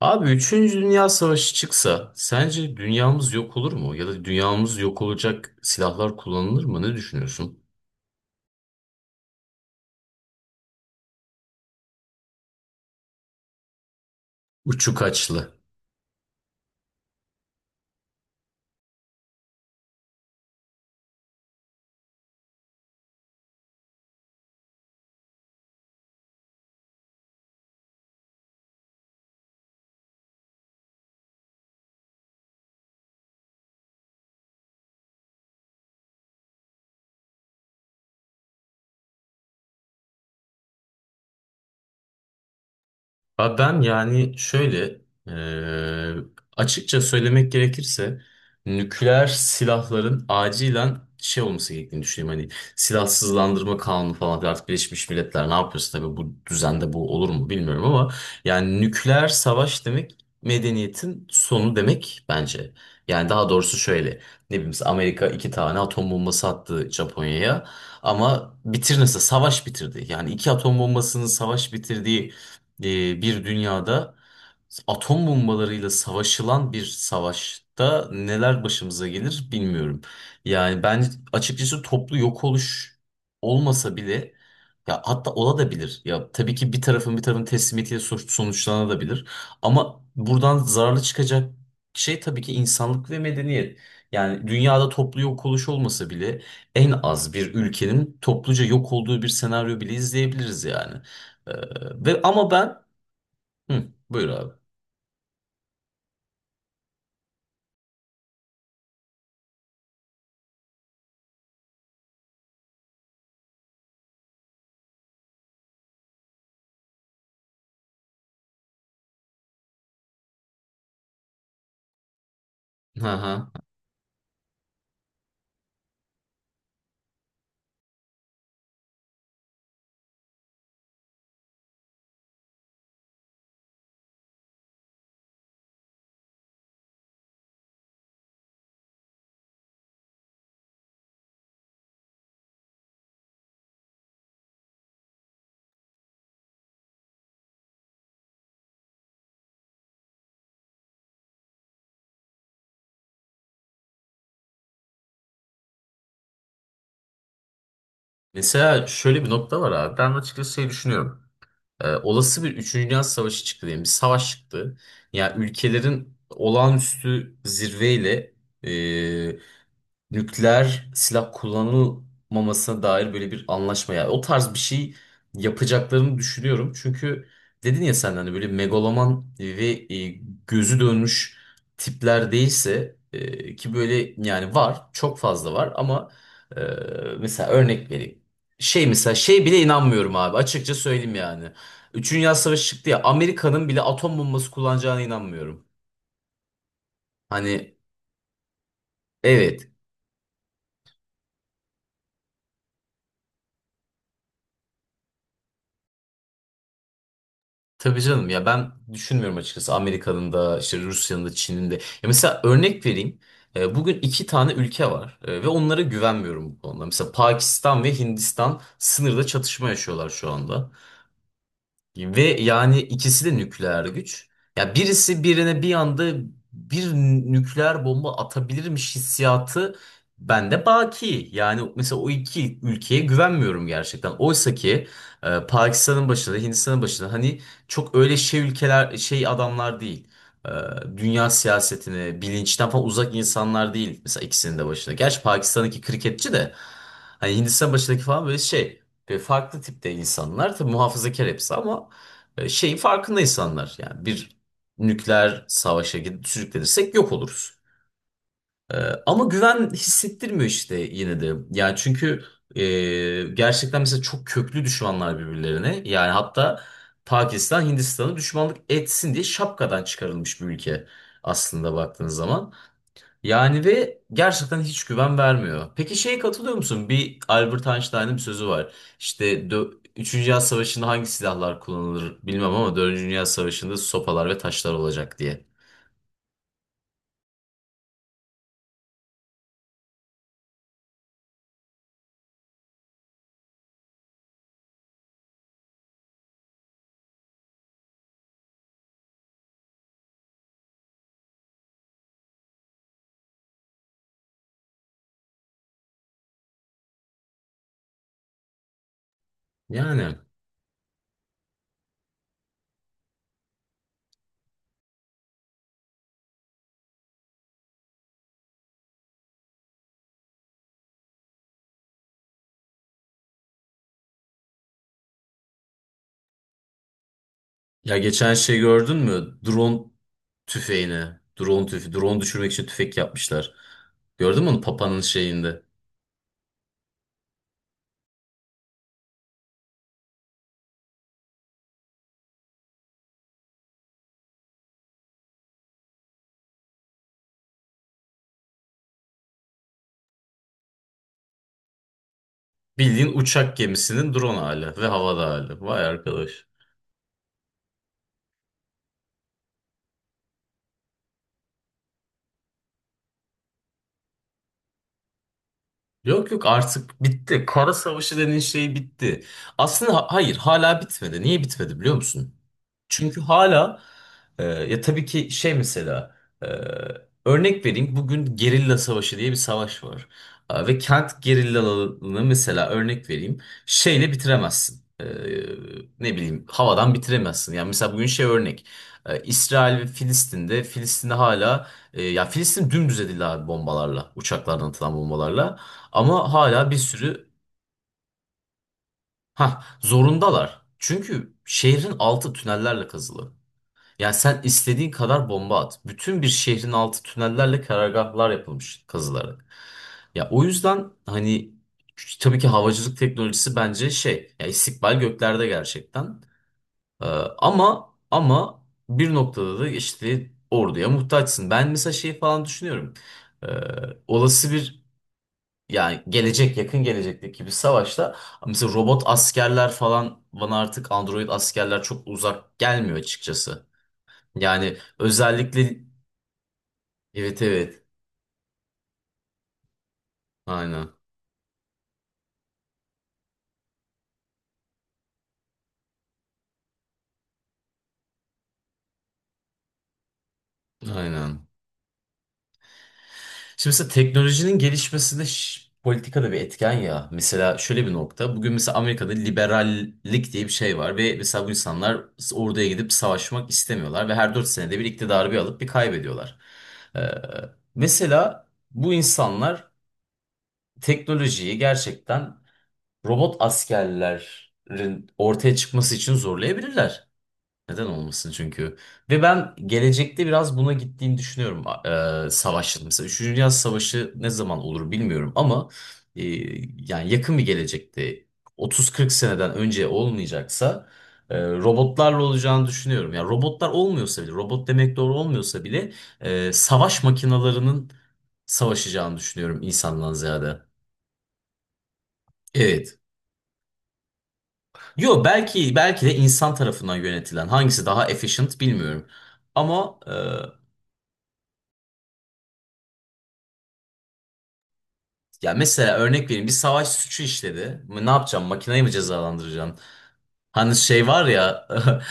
Abi üçüncü Dünya Savaşı çıksa sence dünyamız yok olur mu? Ya da dünyamız yok olacak silahlar kullanılır mı? Ne düşünüyorsun? Uçu kaçlı. Abi ben yani şöyle eee, açıkça söylemek gerekirse nükleer silahların acilen şey olması gerektiğini düşünüyorum. Hani silahsızlandırma kanunu falan filan. Artık Birleşmiş Milletler ne yapıyorsa tabii bu düzende bu olur mu bilmiyorum ama yani nükleer savaş demek medeniyetin sonu demek bence. Yani daha doğrusu şöyle ne bileyim mesela Amerika iki tane atom bombası attı Japonya'ya ama bitirmesi savaş bitirdi. Yani iki atom bombasının savaş bitirdiği bir dünyada atom bombalarıyla savaşılan bir savaşta neler başımıza gelir bilmiyorum. Yani ben açıkçası toplu yok oluş olmasa bile ya hatta olabilir. Ya tabii ki bir tarafın bir tarafın teslimiyetiyle sonuçlanabilir. Ama buradan zararlı çıkacak şey tabii ki insanlık ve medeniyet. Yani dünyada toplu yok oluş olmasa bile en az bir ülkenin topluca yok olduğu bir senaryo bile izleyebiliriz yani. Ve ama ben hı, buyur abi. Hı hı. Mesela şöyle bir nokta var abi. Ben açıkçası şey düşünüyorum. Olası bir üçüncü Dünya Savaşı çıktı diyelim. Bir savaş çıktı. Yani ülkelerin olağanüstü zirveyle nükleer silah kullanılmamasına dair böyle bir anlaşma ya o tarz bir şey yapacaklarını düşünüyorum. Çünkü dedin ya sen hani böyle megaloman ve e, gözü dönmüş tipler değilse ki böyle yani var çok fazla var ama e, mesela örnek vereyim. Şey mesela şey bile inanmıyorum abi açıkça söyleyeyim yani. Üçüncü Dünya Savaşı çıktı ya Amerika'nın bile atom bombası kullanacağına inanmıyorum. Hani evet. Tabii canım ya ben düşünmüyorum açıkçası Amerika'nın da işte Rusya'nın da Çin'in de. Ya mesela örnek vereyim. Bugün iki tane ülke var, ve onlara güvenmiyorum bu konuda. Mesela Pakistan ve Hindistan sınırda çatışma yaşıyorlar şu anda. Ve yani ikisi de nükleer güç. Ya birisi birine bir anda bir nükleer bomba atabilirmiş hissiyatı bende baki. Yani mesela o iki ülkeye güvenmiyorum gerçekten. Oysa ki Pakistan'ın başında, Hindistan'ın başında hani çok öyle şey ülkeler, şey adamlar değil. E, Dünya siyasetini, bilinçten falan uzak insanlar değil. Mesela ikisinin de başında. Gerçi Pakistan'daki kriketçi de hani Hindistan başındaki falan böyle şey. Ve farklı tipte insanlar. Tabii muhafazakar hepsi ama şeyin farkında insanlar. Yani bir nükleer savaşa gidip sürüklenirsek yok oluruz. E, Ama güven hissettirmiyor işte yine de. Yani çünkü e, gerçekten mesela çok köklü düşmanlar birbirlerine. Yani hatta Pakistan Hindistan'ı düşmanlık etsin diye şapkadan çıkarılmış bir ülke aslında baktığınız zaman. Yani ve gerçekten hiç güven vermiyor. Peki şeye katılıyor musun? Bir Albert Einstein'ın bir sözü var. İşte Üçüncü Dünya Savaşı'nda hangi silahlar kullanılır bilmem ama Dördüncü Dünya Savaşı'nda sopalar ve taşlar olacak diye. Yani ya geçen şey gördün mü? Drone tüfeğini. Drone düşürmek için tüfek yapmışlar. Gördün mü onu Papa'nın şeyinde? Bildiğin uçak gemisinin drone hali ve havada hali. Vay arkadaş. Yok yok artık bitti. Kara Savaşı denen şey bitti. Aslında hayır hala bitmedi. Niye bitmedi biliyor musun? Çünkü hala ya tabii ki şey mesela e, örnek vereyim bugün gerilla savaşı diye bir savaş var. Ve kent gerillalarını mesela örnek vereyim şeyle bitiremezsin. Ne bileyim havadan bitiremezsin. Yani mesela bugün şey örnek. İsrail ve Filistin'de hala ya Filistin dümdüz edildi abi bombalarla uçaklardan atılan bombalarla. Ama hala bir sürü ha zorundalar. Çünkü şehrin altı tünellerle kazılı. Yani sen istediğin kadar bomba at. Bütün bir şehrin altı tünellerle karargahlar yapılmış kazılarak. Ya o yüzden hani tabii ki havacılık teknolojisi bence şey ya istikbal göklerde gerçekten. Ee, ama bir noktada da işte orduya muhtaçsın. Ben mesela şey falan düşünüyorum. Ee, Olası bir yani gelecek yakın gelecekteki bir savaşta mesela robot askerler falan bana artık android askerler çok uzak gelmiyor açıkçası. Yani özellikle evet, evet, aynen, aynen. Şimdi mesela teknolojinin gelişmesinde politika da bir etken ya. Mesela şöyle bir nokta. Bugün mesela Amerika'da liberallik diye bir şey var ve mesela bu insanlar orduya gidip savaşmak istemiyorlar ve her 4 senede bir iktidarı bir alıp bir kaybediyorlar. Ee, mesela bu insanlar teknolojiyi gerçekten robot askerlerin ortaya çıkması için zorlayabilirler. Neden olmasın çünkü. Ve ben gelecekte biraz buna gittiğini düşünüyorum. Savaşın mesela 3. Dünya Savaşı ne zaman olur bilmiyorum ama yani yakın bir gelecekte 30-40 seneden önce olmayacaksa robotlarla olacağını düşünüyorum. Yani robotlar olmuyorsa bile, robot demek doğru olmuyorsa bile savaş makinalarının savaşacağını düşünüyorum insandan ziyade. Evet. Yo belki de insan tarafından yönetilen hangisi daha efficient bilmiyorum. Ama ya mesela örnek vereyim bir savaş suçu işledi. Ne yapacağım? Makineyi mi cezalandıracağım? Hani şey var ya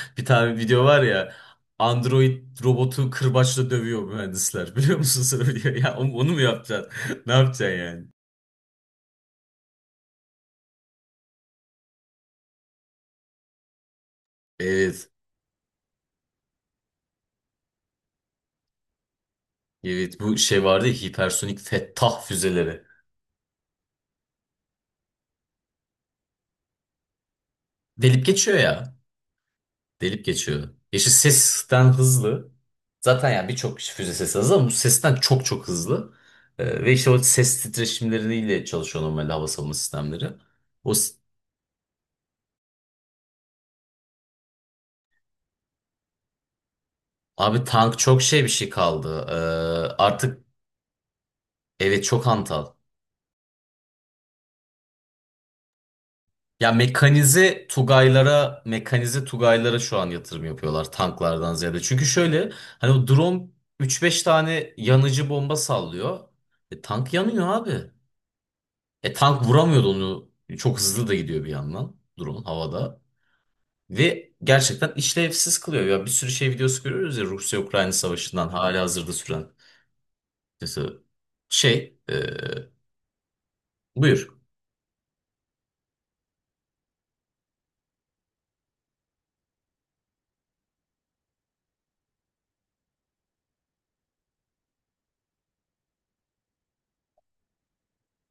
bir tane video var ya android robotu kırbaçla dövüyor mühendisler. Biliyor musun sen o videoyu? Ya onu mu yapacaksın? Ne yapacaksın yani? Evet. Evet bu şey vardı ya hipersonik Fettah füzeleri. Delip geçiyor ya. Delip geçiyor. Yeşil sesten hızlı. Zaten yani birçok işte füze sesi hızlı ama bu sesten çok hızlı. Ve işte o ses titreşimleriyle çalışıyor normal hava savunma sistemleri. O s- abi tank çok şey bir şey kaldı. Artık evet çok hantal. Ya mekanize Tugaylara şu an yatırım yapıyorlar tanklardan ziyade. Çünkü şöyle hani o drone 3-5 tane yanıcı bomba sallıyor. E, tank yanıyor abi. E, tank vuramıyordu onu. Çok hızlı da gidiyor bir yandan drone havada. Ve gerçekten işlevsiz kılıyor. Ya bir sürü şey videosu görüyoruz ya Rusya-Ukrayna savaşından hali hazırda süren. Mesela şey, buyur.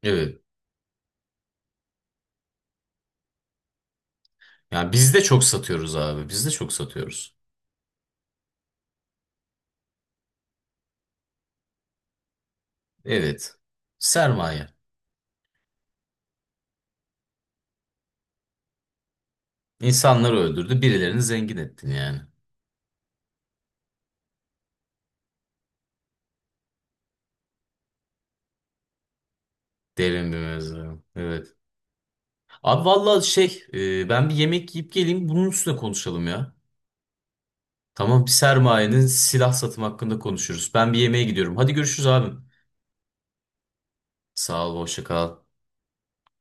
Evet. Yani biz de çok satıyoruz abi. Biz de çok satıyoruz. Evet. Sermaye. İnsanları öldürdü. Birilerini zengin ettin yani. Derin bir mevzu. Evet. Abi vallahi şey, ben bir yemek yiyip geleyim. Bunun üstüne konuşalım ya. Tamam, sermayenin silah satımı hakkında konuşuruz. Ben bir yemeğe gidiyorum. Hadi görüşürüz abim. Sağ ol, hoşça kal.